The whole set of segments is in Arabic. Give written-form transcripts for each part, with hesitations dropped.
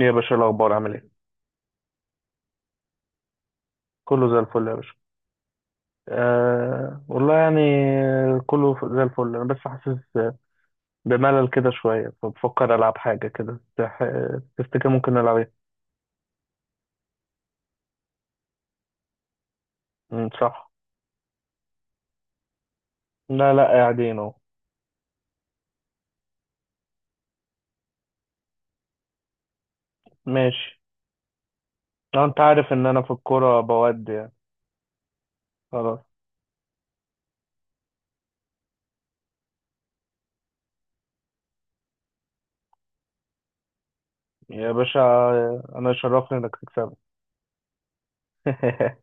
إيه يا باشا، إيه الأخبار؟ عامل إيه؟ كله زي الفل يا باشا. آه والله يعني كله زي الفل. أنا بس حاسس بملل كده شوية، فبفكر ألعب حاجة كده. تفتكر ممكن نلعب إيه؟ مم، صح. لا لا، قاعدين أهو. ماشي. آه، أنت عارف إن أنا في الكورة بود يعني. خلاص يا باشا، أنا يشرفني إنك تكسبني.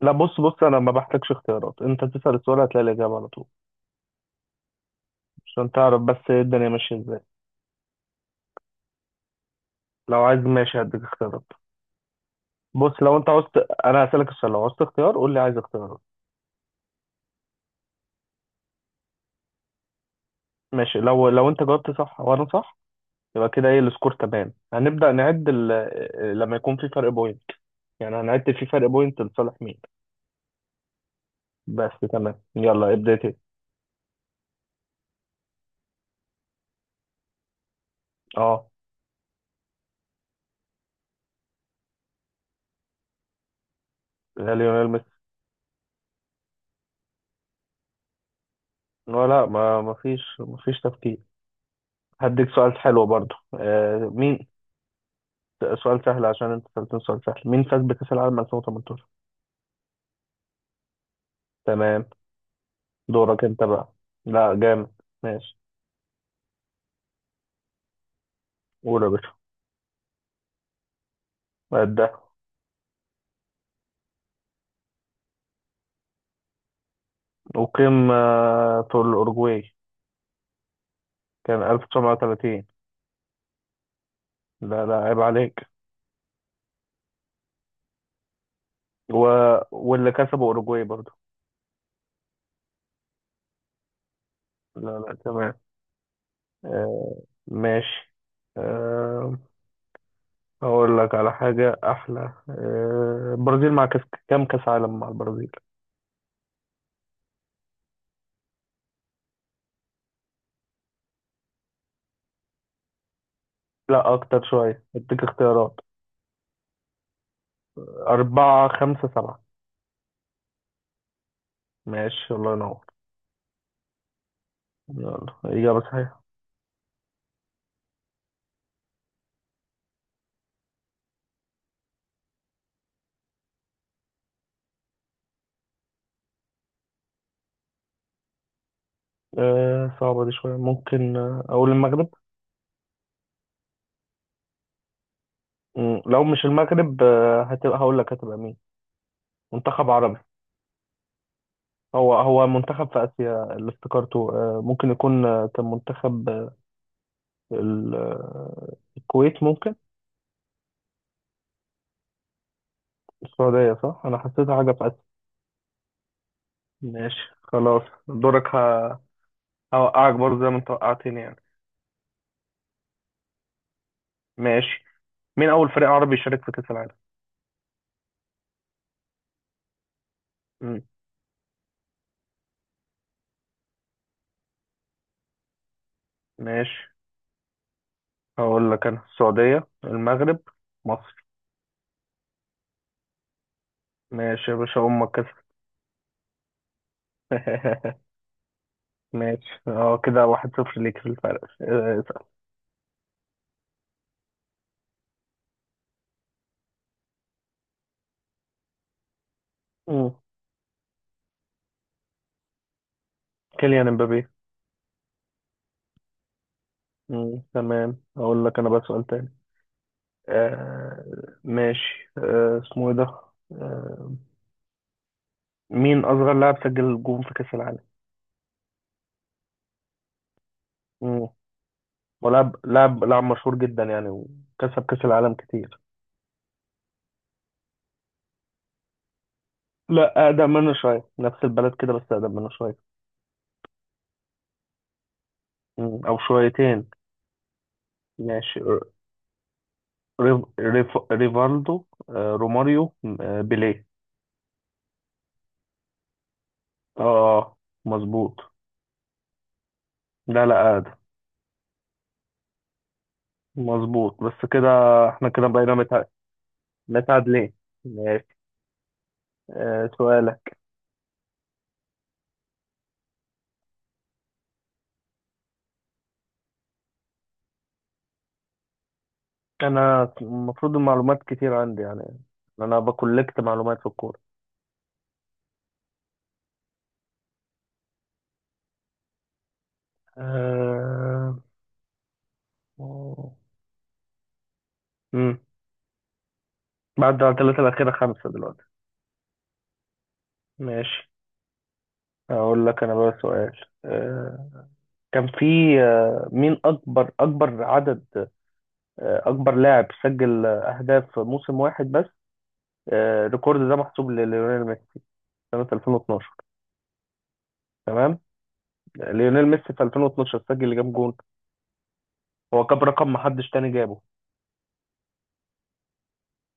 لا بص بص، أنا ما بحتاجش اختيارات، أنت تسأل السؤال هتلاقي الإجابة على طول. عشان تعرف بس إيه الدنيا ماشية إزاي. لو عايز ماشي هديك اختيارات. بص لو انت عاوز انا هسألك السؤال، لو عاوزت اختيار قول لي عايز اختيارات. ماشي، لو انت جاوبت صح وانا صح، يبقى كده ايه السكور؟ تمام، هنبدأ نعد لما يكون في فرق بوينت. يعني هنعد في فرق بوينت لصالح مين. بس تمام، يلا ابدأ انت. اه. لا، ليونيل ميسي. ولا، ما فيش تفكير. هديك سؤال حلو برضو. مين. سؤال سهل عشان انت سألتني سؤال سهل. مين فاز بكأس العالم 2018؟ تمام. دورك انت بقى. لا، جامد. ماشي. قول يا باشا. أقيم في الأورجواي، كان 1930. لا لا، عيب عليك. و... واللي كسبوا أوروجواي برضو. لا لا، تمام. آه ماشي. آه أقول لك على حاجة أحلى. البرازيل مع كاس. كام كأس عالم مع البرازيل؟ لا أكتر شوية، أديك اختيارات. أربعة، خمسة، سبعة. ماشي، الله ينور. يلا، إجابة صحيحة. آه، صعبة دي شوية. ممكن أقول المغرب. مم، لو مش المغرب هتبقى، هقول لك هتبقى مين. منتخب عربي. هو هو منتخب في آسيا اللي افتكرته. ممكن يكون كان منتخب الكويت ممكن. السعودية صح؟ أنا حسيتها حاجة في آسيا. ماشي، خلاص. دورك. هوقعك برضه زي ما أنت وقعتني يعني. ماشي. مين أول فريق عربي يشارك في كأس العالم؟ مم. ماشي، هقول لك أنا: السعودية، المغرب، مصر. ماشي يا باشا، أمك كسب. ماشي، اه كده 1-0 ليك في الفرق. اسأل. مم. كيليان امبابي. مم، تمام. هقول لك أنا بقى سؤال تاني. آه ماشي. اسمه ايه ده. آه مين اصغر لاعب سجل جون في كاس العالم؟ مم. ولاعب لاعب لاعب مشهور جدا يعني، وكسب كاس العالم كتير. لا، اقدم منه شويه، نفس البلد كده بس اقدم منه شويه. مم، او شويتين. ماشي. ريفالدو، روماريو، بيليه. اه، مظبوط. لا لا، اقدم. مظبوط، بس كده احنا كده بقينا متعادلين. ماشي. آه سؤالك. انا المفروض المعلومات كتير عندي يعني. انا بكولكت معلومات في الكوره. أه... امم بعد على الثلاثه الاخيره، خمسه دلوقتي. ماشي. اقول لك انا بقى سؤال. كان في، مين اكبر اكبر عدد، اكبر لاعب سجل اهداف في موسم واحد بس. الريكورد ده محسوب لليونيل ميسي سنه 2012. تمام. ليونيل ميسي في 2012 سجل كام جون؟ هو جاب رقم محدش تاني جابه.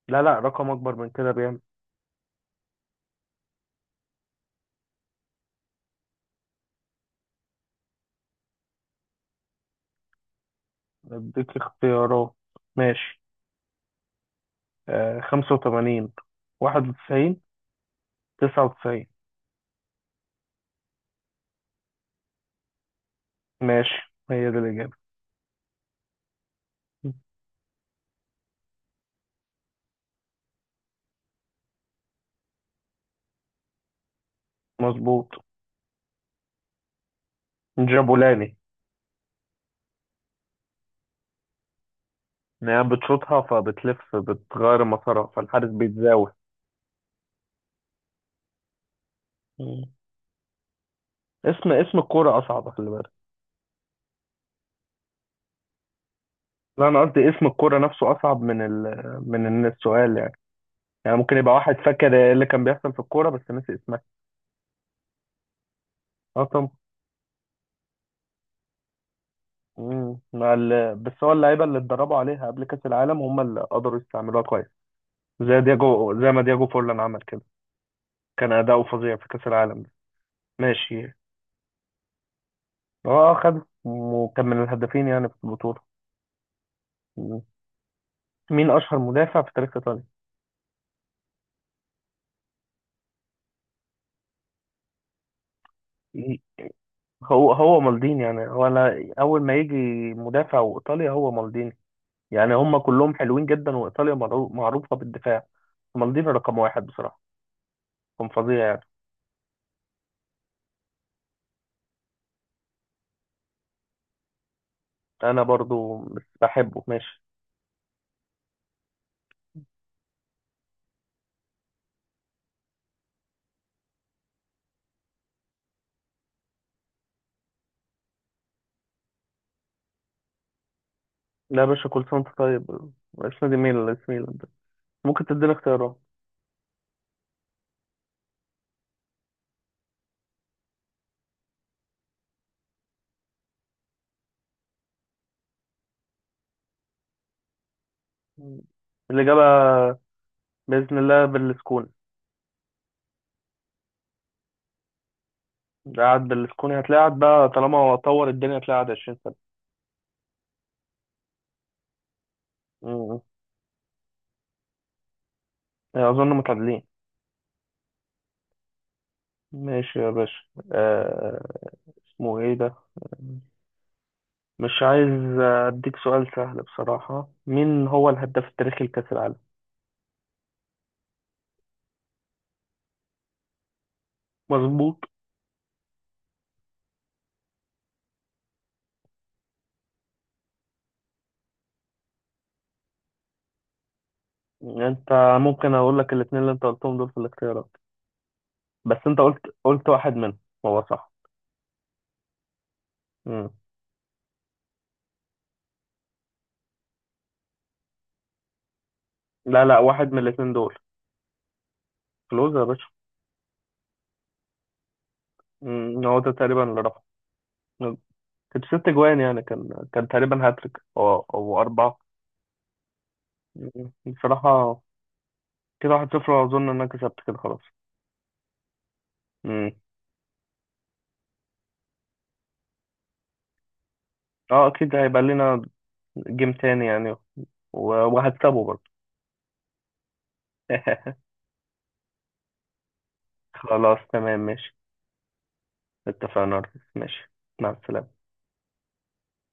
لا لا، رقم اكبر من كده بيعمل. اديك اختيارات. ماشي. 85، 91، 99. ماشي، هي دي الإجابة. مظبوط. جابولاني. إن هي بتشوطها فبتلف بتغير مسارها فالحارس بيتزاول. مم. اسم اسم الكورة أصعب، خلي بالك. لا، أنا قصدي اسم الكورة نفسه أصعب من ال من إن السؤال يعني. يعني ممكن يبقى واحد فاكر إيه اللي كان بيحصل في الكورة بس نسي اسمها. أه طبعا. مم. مع بس هو اللعيبة اللي اتدربوا عليها قبل كأس العالم هم اللي قدروا يستعملوها كويس. زي دياجو، زي ما دياجو فورلان عمل كده. كان أداؤه فظيع في كأس العالم ده. ماشي. اه، خد، وكان من الهدافين يعني في البطولة. م. مين أشهر مدافع في تاريخ إيطاليا؟ ي- هو هو مالديني، يعني هو أنا أول ما يجي مدافع وإيطاليا هو مالديني. يعني هم كلهم حلوين جدا، وإيطاليا معروفة بالدفاع. مالديني رقم واحد بصراحة. كان فظيع يعني. أنا برضو بحبه، ماشي. لا يا باشا، كل سنة وأنت طيب. اسم دي ميلان، اسم ميلان ده. ممكن تديني اختيارات؟ م. الإجابة بإذن الله بالسكون. قاعد بالسكون، هتلاعب بقى طالما هو طور الدنيا، هتلاعب 20 سنة. مم. أظن متعادلين. ماشي يا باشا. آه... اسمه إيه ده. مش عايز أديك سؤال سهل بصراحة. مين هو الهداف التاريخي لكأس العالم؟ مظبوط. أنت ممكن أقول لك الاتنين اللي أنت قلتهم دول في الاختيارات، بس أنت قلت واحد منهم هو صح. مم. لا لا، واحد من الاتنين دول. كلوز يا باشا. مم. هو ده تقريبا اللي رفعه. كانت 6 جوان، يعني كان تقريبا هاتريك او اربعه. مم، بصراحه. كده 1-0. اظن ان انا كسبت كده، خلاص. مم. اه، اكيد هيبقى لنا جيم تاني يعني، وهكسبه برضه. خلاص تمام ماشي. اتفقنا يا ريس. ماشي. مع السلامه.